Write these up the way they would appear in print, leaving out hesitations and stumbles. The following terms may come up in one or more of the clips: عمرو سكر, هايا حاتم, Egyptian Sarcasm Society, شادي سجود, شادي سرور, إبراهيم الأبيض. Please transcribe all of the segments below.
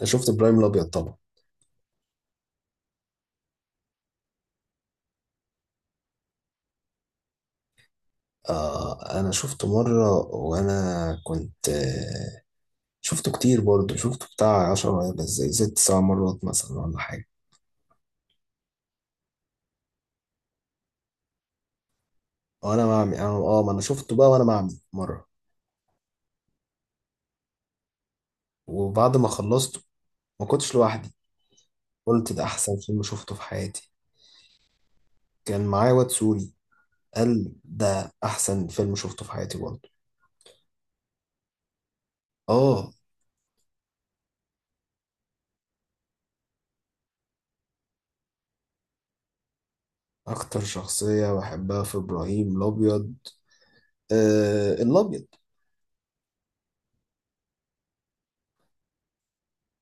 أنا شفت ابراهيم الابيض طبعا. آه، انا شفته مره. وانا كنت آه شفته كتير برضه. شفته بتاع 10، بس زي ست سبع مرات مثلا ولا حاجه. وانا بعمل ما انا شفته بقى وانا بعمل مره. وبعد ما خلصته ما كنتش لوحدي، قلت ده احسن فيلم شفته في حياتي. كان معايا واد سوري، قال ده احسن فيلم شفته في حياتي برضه. اه. اكتر شخصيه بحبها في ابراهيم الابيض الابيض.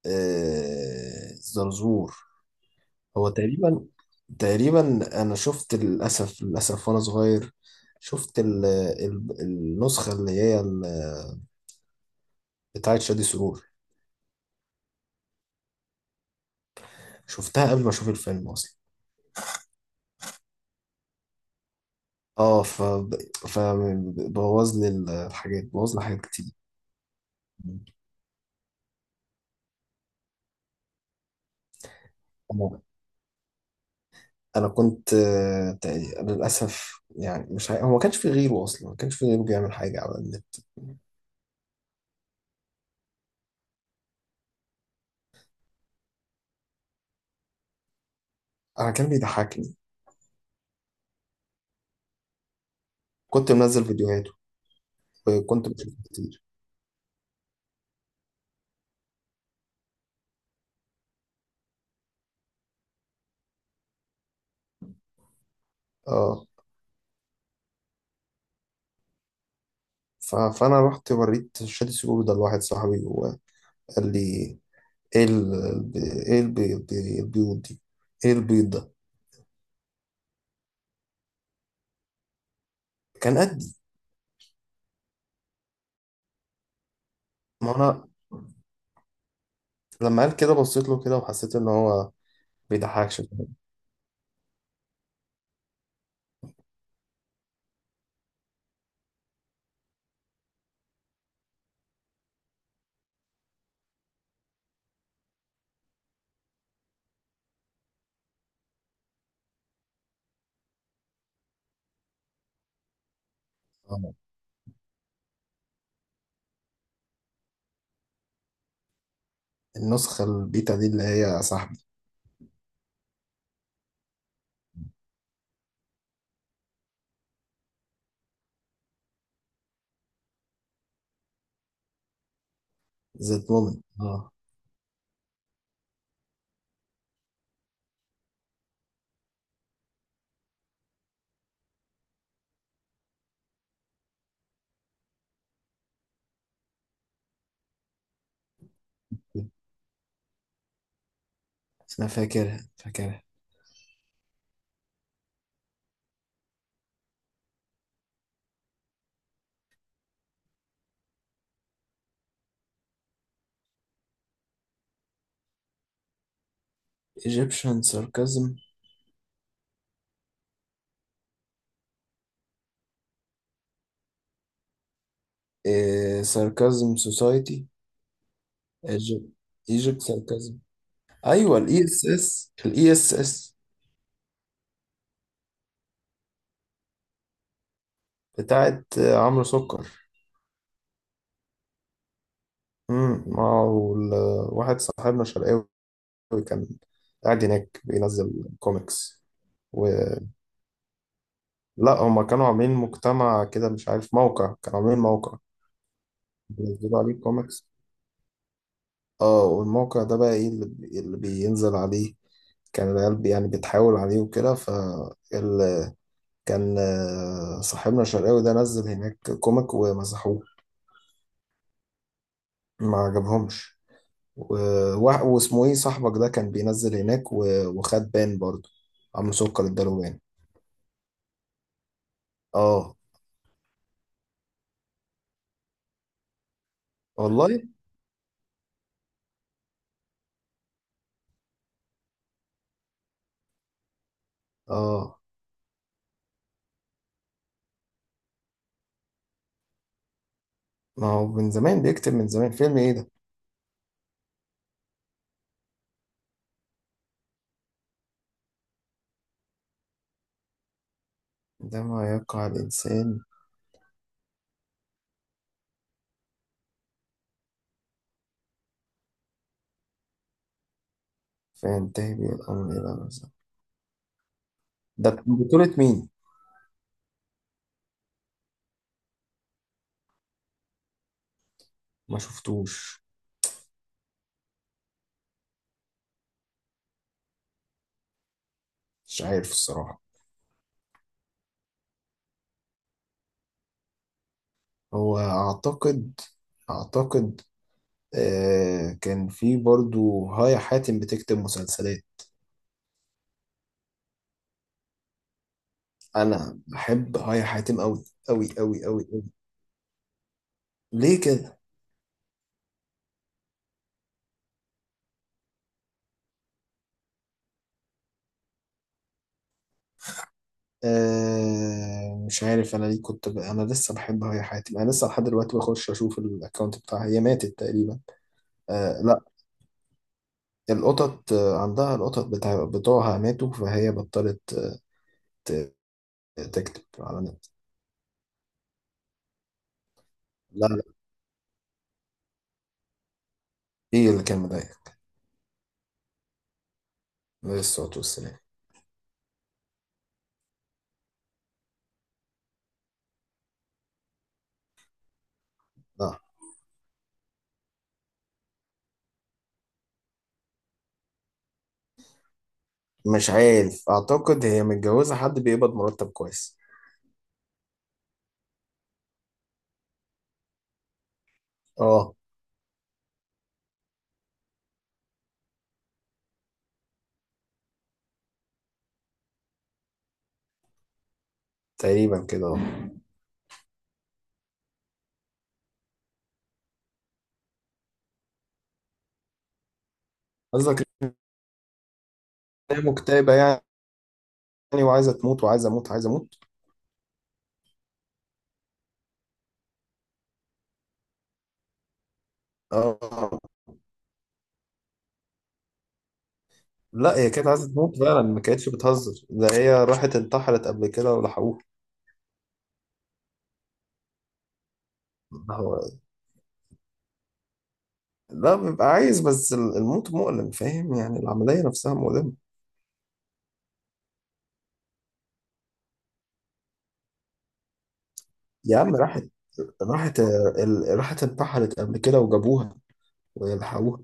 آه، زرزور. هو تقريبا، انا شفت للاسف للاسف وانا صغير شفت ال النسخه بتاعه شادي سرور. شفتها قبل ما اشوف الفيلم اصلا. اه، ف فبوظ لي الحاجات، بوظ لي حاجات كتير. انا أنا كنت للاسف يعني مش عارف- هو ما كانش في غيره اصلا، ما كانش في غيره بيعمل حاجه على النت. انا كان بيضحكني، كنت منزل فيديوهاته وكنت بشوفه كتير. اه، فانا رحت وريت شادي سجود ده لواحد صاحبي وقال لي: ايه ايه البيض البيض دي، ايه البيض ده؟ كان قدي. ما انا لما قال كده بصيت له كده وحسيت ان هو بيضحكش. آه. النسخة البيتا دي اللي هي صاحبي. ذات مومنت، اه. انا فاكرها فاكرها. ايجيبشن ساركازم، ساركازم سوسايتي، ايجيبت ساركازم. ايوه، الاي اس اس، الاي اس اس بتاعت عمرو سكر. اه. واحد صاحبنا شرقاوي كان قاعد هناك بينزل كوميكس. ولا هما كانوا عاملين مجتمع كده، مش عارف، موقع، كانوا عاملين موقع بينزلوا عليه كوميكس. اه، والموقع ده بقى ايه اللي بينزل عليه؟ كان العيال يعني بتحاول عليه وكده، ال... كان صاحبنا الشرقاوي ده نزل هناك كوميك ومسحوه، ما عجبهمش. و... واسمه ايه صاحبك ده كان بينزل هناك وخد بان برضه، عم سكر اداله بان. اه، والله. اه، ما هو من زمان بيكتب، من زمان. فيلم ايه ده؟ ده ما يقع الانسان فينتهي به الامر الى نفسه. ده كان بطولة مين؟ ما شفتوش. مش عارف الصراحة. هو اعتقد كان في برضو هايا حاتم بتكتب مسلسلات. انا بحب هايا حاتم قوي قوي قوي قوي قوي. ليه كده؟ مش عارف انا ليه كنت انا لسه بحبها، هي حياتي، انا لسه لحد دلوقتي بخش اشوف الاكونت بتاعها. هي ماتت تقريبا. آه، لا. القطط عندها، القطط بتوعها ماتوا فهي بطلت، ت... تكتب على النت. لا، لا. ايه اللي كان مضايقك؟ عليه الصلاة والسلام. لا، مش عارف، اعتقد هي متجوزة حد بيقبض مرتب كويس. اه، تقريبا كده، اه. قصدك إن هي مكتئبة يعني؟ وعايزة تموت، وعايزة اموت، عايزة اموت. اه، لا، هي كانت عايزة تموت فعلا، ما كانتش بتهزر. ده هي راحت انتحرت قبل كده ولحقوها. ما هو- لا، بيبقى عايز، بس الموت مؤلم، فاهم يعني، العملية نفسها مؤلمة. يا عم راحت راحت انتحرت قبل كده وجابوها، ويلحقوها.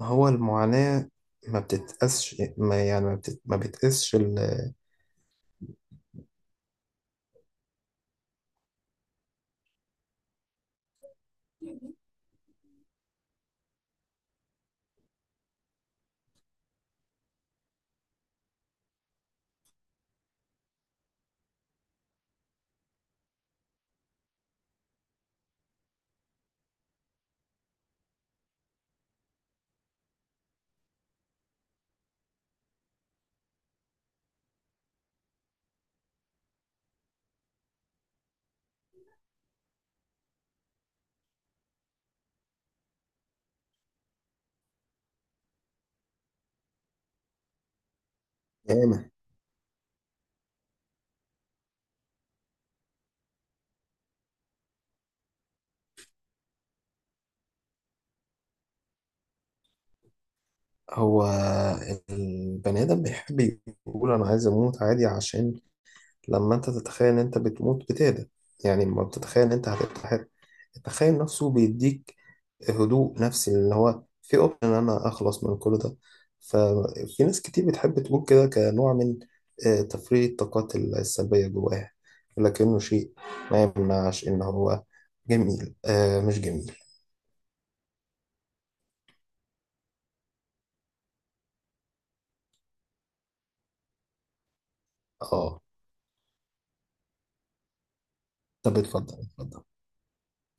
ما هو المعاناة ما بتتقاسش، ما يعني ما, بتت... ما بتقاسش القيامة. هو البني آدم بيحب يقول أنا عايز أموت عادي، عشان لما انت تتخيل ان انت بتموت بتهدى. يعني لما بتتخيل ان انت هتتحرق، التخيل نفسه بيديك هدوء نفسي، اللي هو في اوبشن ان انا اخلص من كل ده. ففي ناس كتير بتحب تقول كده كنوع من تفريغ الطاقات السلبية جواها. لكنه شيء ما يمنعش ان هو جميل، مش جميل. اه، طب اتفضل اتفضل.